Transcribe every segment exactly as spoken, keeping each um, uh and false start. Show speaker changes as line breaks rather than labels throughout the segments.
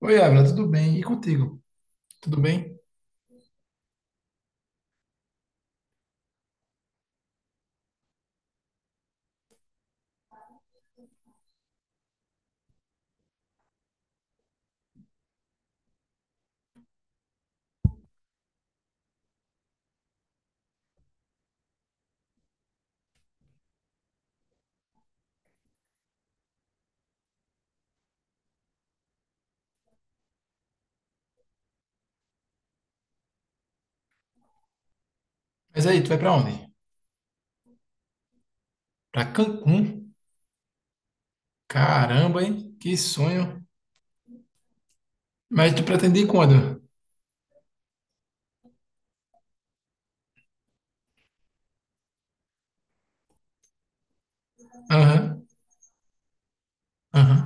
Oi, Ávila, tudo bem? E contigo? Tudo bem? Mas aí, tu vai pra onde? Pra Cancún? Caramba, hein? Que sonho. Mas tu pretende ir quando? Aham, aham.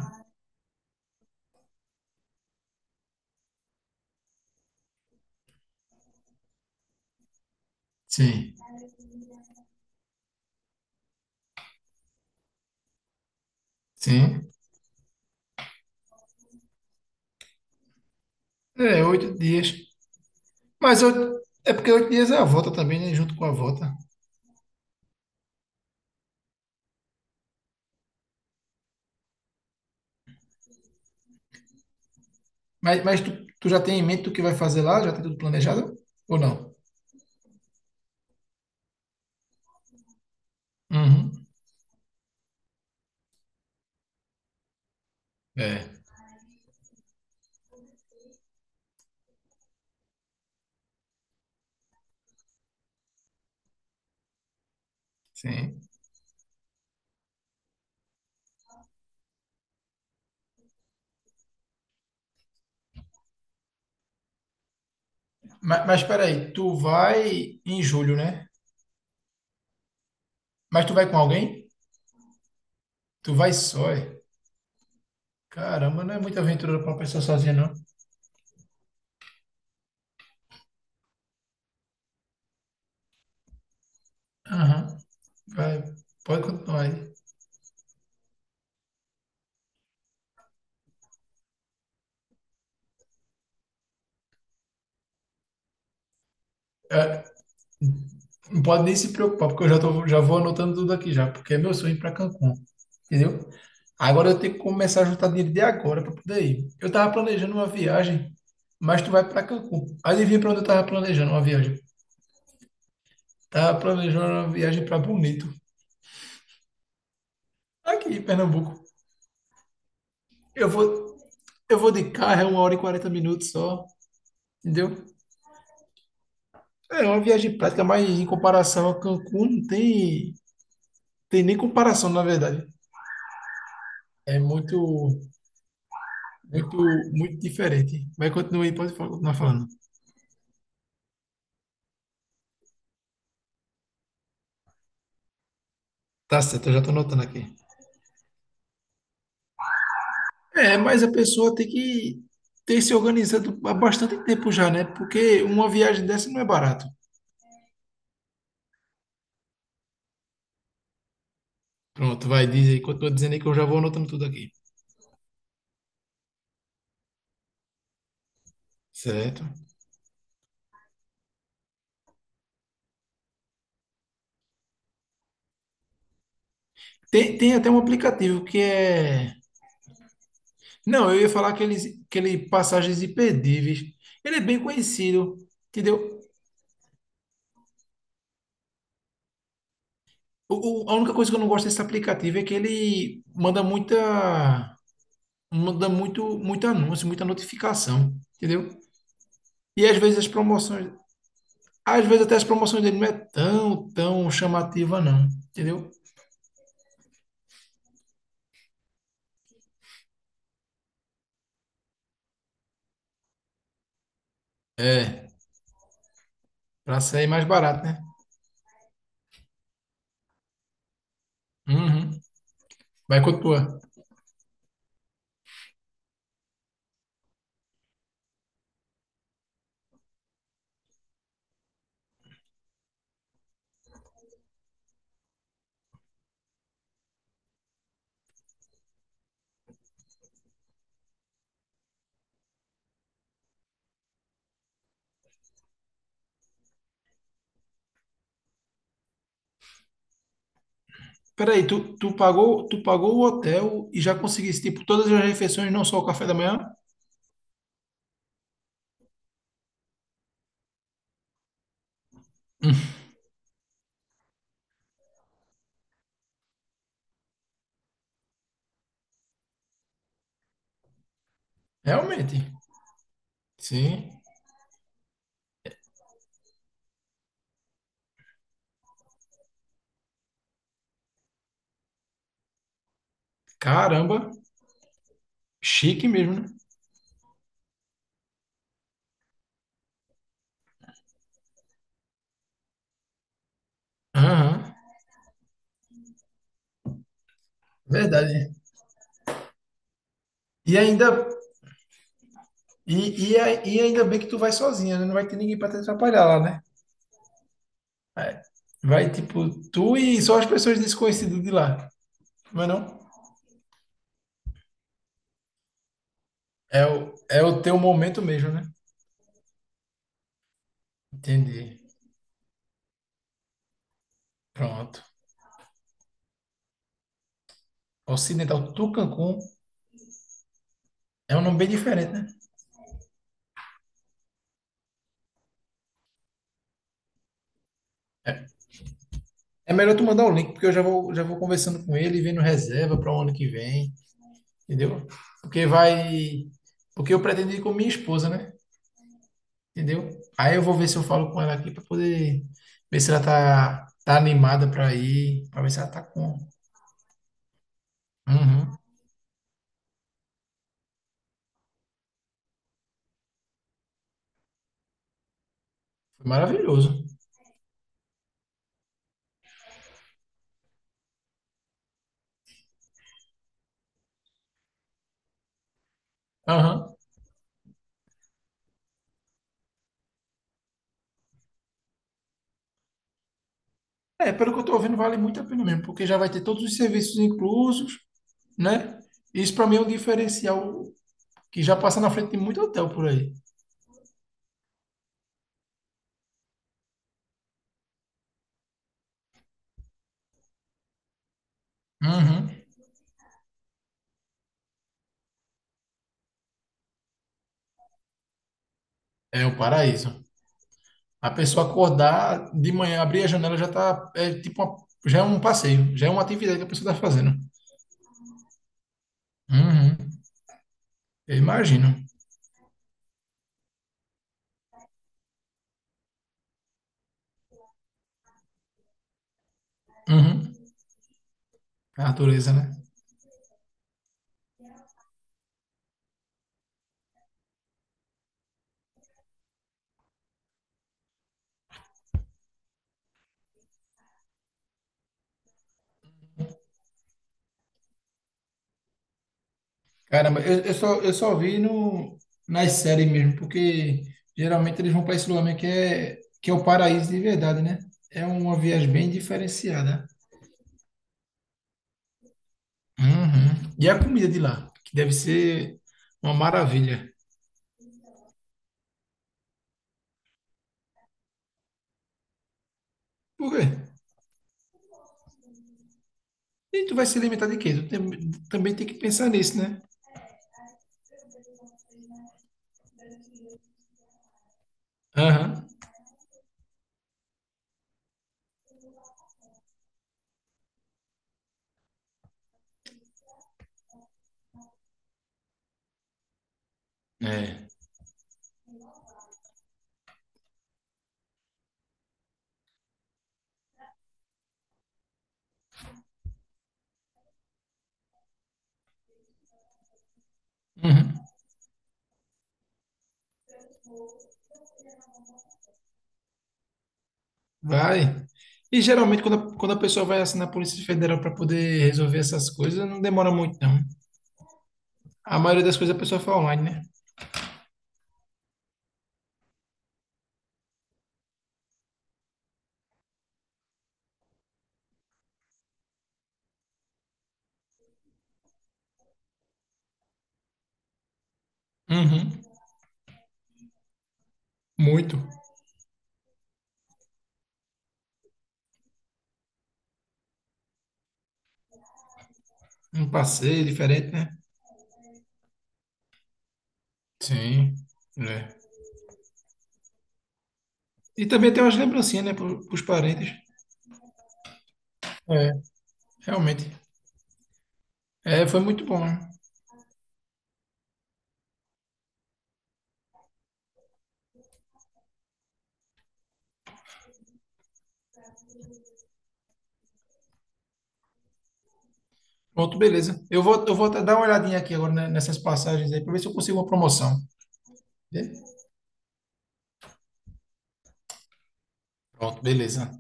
Sim, sim. É, oito dias. Mas eu... é porque oito dias é a volta também, né? Junto com a volta. Mas, mas tu, tu já tem em mente o que vai fazer lá? Já tem tudo planejado? Ou não? Uhum. É, sim. Mas, mas peraí, tu vai em julho, né? Mas tu vai com alguém? Tu vai só, é? Caramba, não é muita aventura pra uma pessoa sozinha, não. Aham, vai, pode continuar aí. É, não pode nem se preocupar, porque eu já tô, já vou anotando tudo aqui já, porque é meu sonho ir pra Cancún, entendeu? Agora eu tenho que começar a juntar dinheiro de agora pra poder ir. Eu tava planejando uma viagem, mas tu vai pra Cancún. Adivinha pra onde eu tava planejando uma viagem? Tava planejando uma viagem pra Bonito, aqui em Pernambuco. Eu vou, eu vou de carro, é uma hora e quarenta minutos só, entendeu? É é uma viagem prática, mas em comparação a Cancún, não tem, tem nem comparação, na verdade. É muito, muito, muito diferente. Mas continue aí, pode fa- continuar falando. Tá certo, eu já estou anotando aqui. É, mas a pessoa tem que ter se organizado há bastante tempo já, né? Porque uma viagem dessa não é barato. Pronto, vai, diz aí. Continua dizendo aí que eu já vou anotando tudo aqui. Certo. Tem, tem até um aplicativo que é... Não, eu ia falar aqueles, aquele Passagens Imperdíveis. Ele é bem conhecido, entendeu? O- o- a única coisa que eu não gosto desse aplicativo é que ele manda muita, manda muito, muito anúncio, muita notificação, entendeu? E às vezes as promoções, às vezes até as promoções dele não é tão, tão chamativa não, entendeu? É, pra sair mais barato, né? Uhum. Vai com a tua. Peraí, tu, tu pagou, tu pagou o hotel e já conseguiste, tipo, todas as refeições, não só o café da manhã? Realmente. Sim. Caramba, chique mesmo, né? Aham. Verdade. E ainda, e, e, a- e ainda bem que tu vai sozinha, né? Não vai ter ninguém para te atrapalhar lá, né? É. Vai, tipo, tu e só as pessoas desconhecidas de lá. Mas não. É o, é o teu momento mesmo, né? Entendi. Pronto. Ocidental Tucancum é um nome bem diferente, né? É melhor tu mandar o link, porque eu já vou, já vou conversando com ele, e vendo reserva para o ano que vem, entendeu? Porque vai. Porque eu pretendo ir com minha esposa, né? Entendeu? Aí eu vou ver se eu falo com ela aqui para poder ver se ela tá, tá animada para ir, para ver se ela tá com. Uhum. Foi maravilhoso. Aham. É, pelo que eu tô vendo, vale muito a pena mesmo, porque já vai ter todos os serviços inclusos, né? Isso para mim é um diferencial que já passa na frente de muito hotel por aí. Uhum. É o paraíso. A pessoa acordar de manhã, abrir a janela já tá, é tipo uma- já é um passeio, já é uma atividade que a pessoa tá fazendo. Uhum. Eu imagino. Uhum. A natureza, né? Caramba, eu, eu só, eu só vi no, nas séries mesmo, porque geralmente eles vão para esse lugar mesmo que é, que é o paraíso de verdade, né? É uma viagem bem diferenciada. Uhum. E a comida de lá, que deve ser uma maravilha. Por quê? E tu vai se alimentar de quê? Tu tem- também tem que pensar nisso, né? Aham. É. Uhum. Vai. E geralmente quando a, quando a pessoa vai assim na Polícia Federal para poder resolver essas coisas, não demora muito, não. A maioria das coisas a pessoa faz online, né? Uhum. Muito. Um passeio diferente, né? Sim. É. E também tem umas lembrancinhas, né? Para os parentes. É, realmente. É, foi muito bom, né? Pronto, beleza. Eu vou, eu vou até dar uma olhadinha aqui agora né, nessas passagens aí para ver se eu consigo uma promoção. né? Pronto, beleza.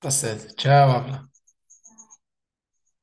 Tá certo. Tchau, Ávila.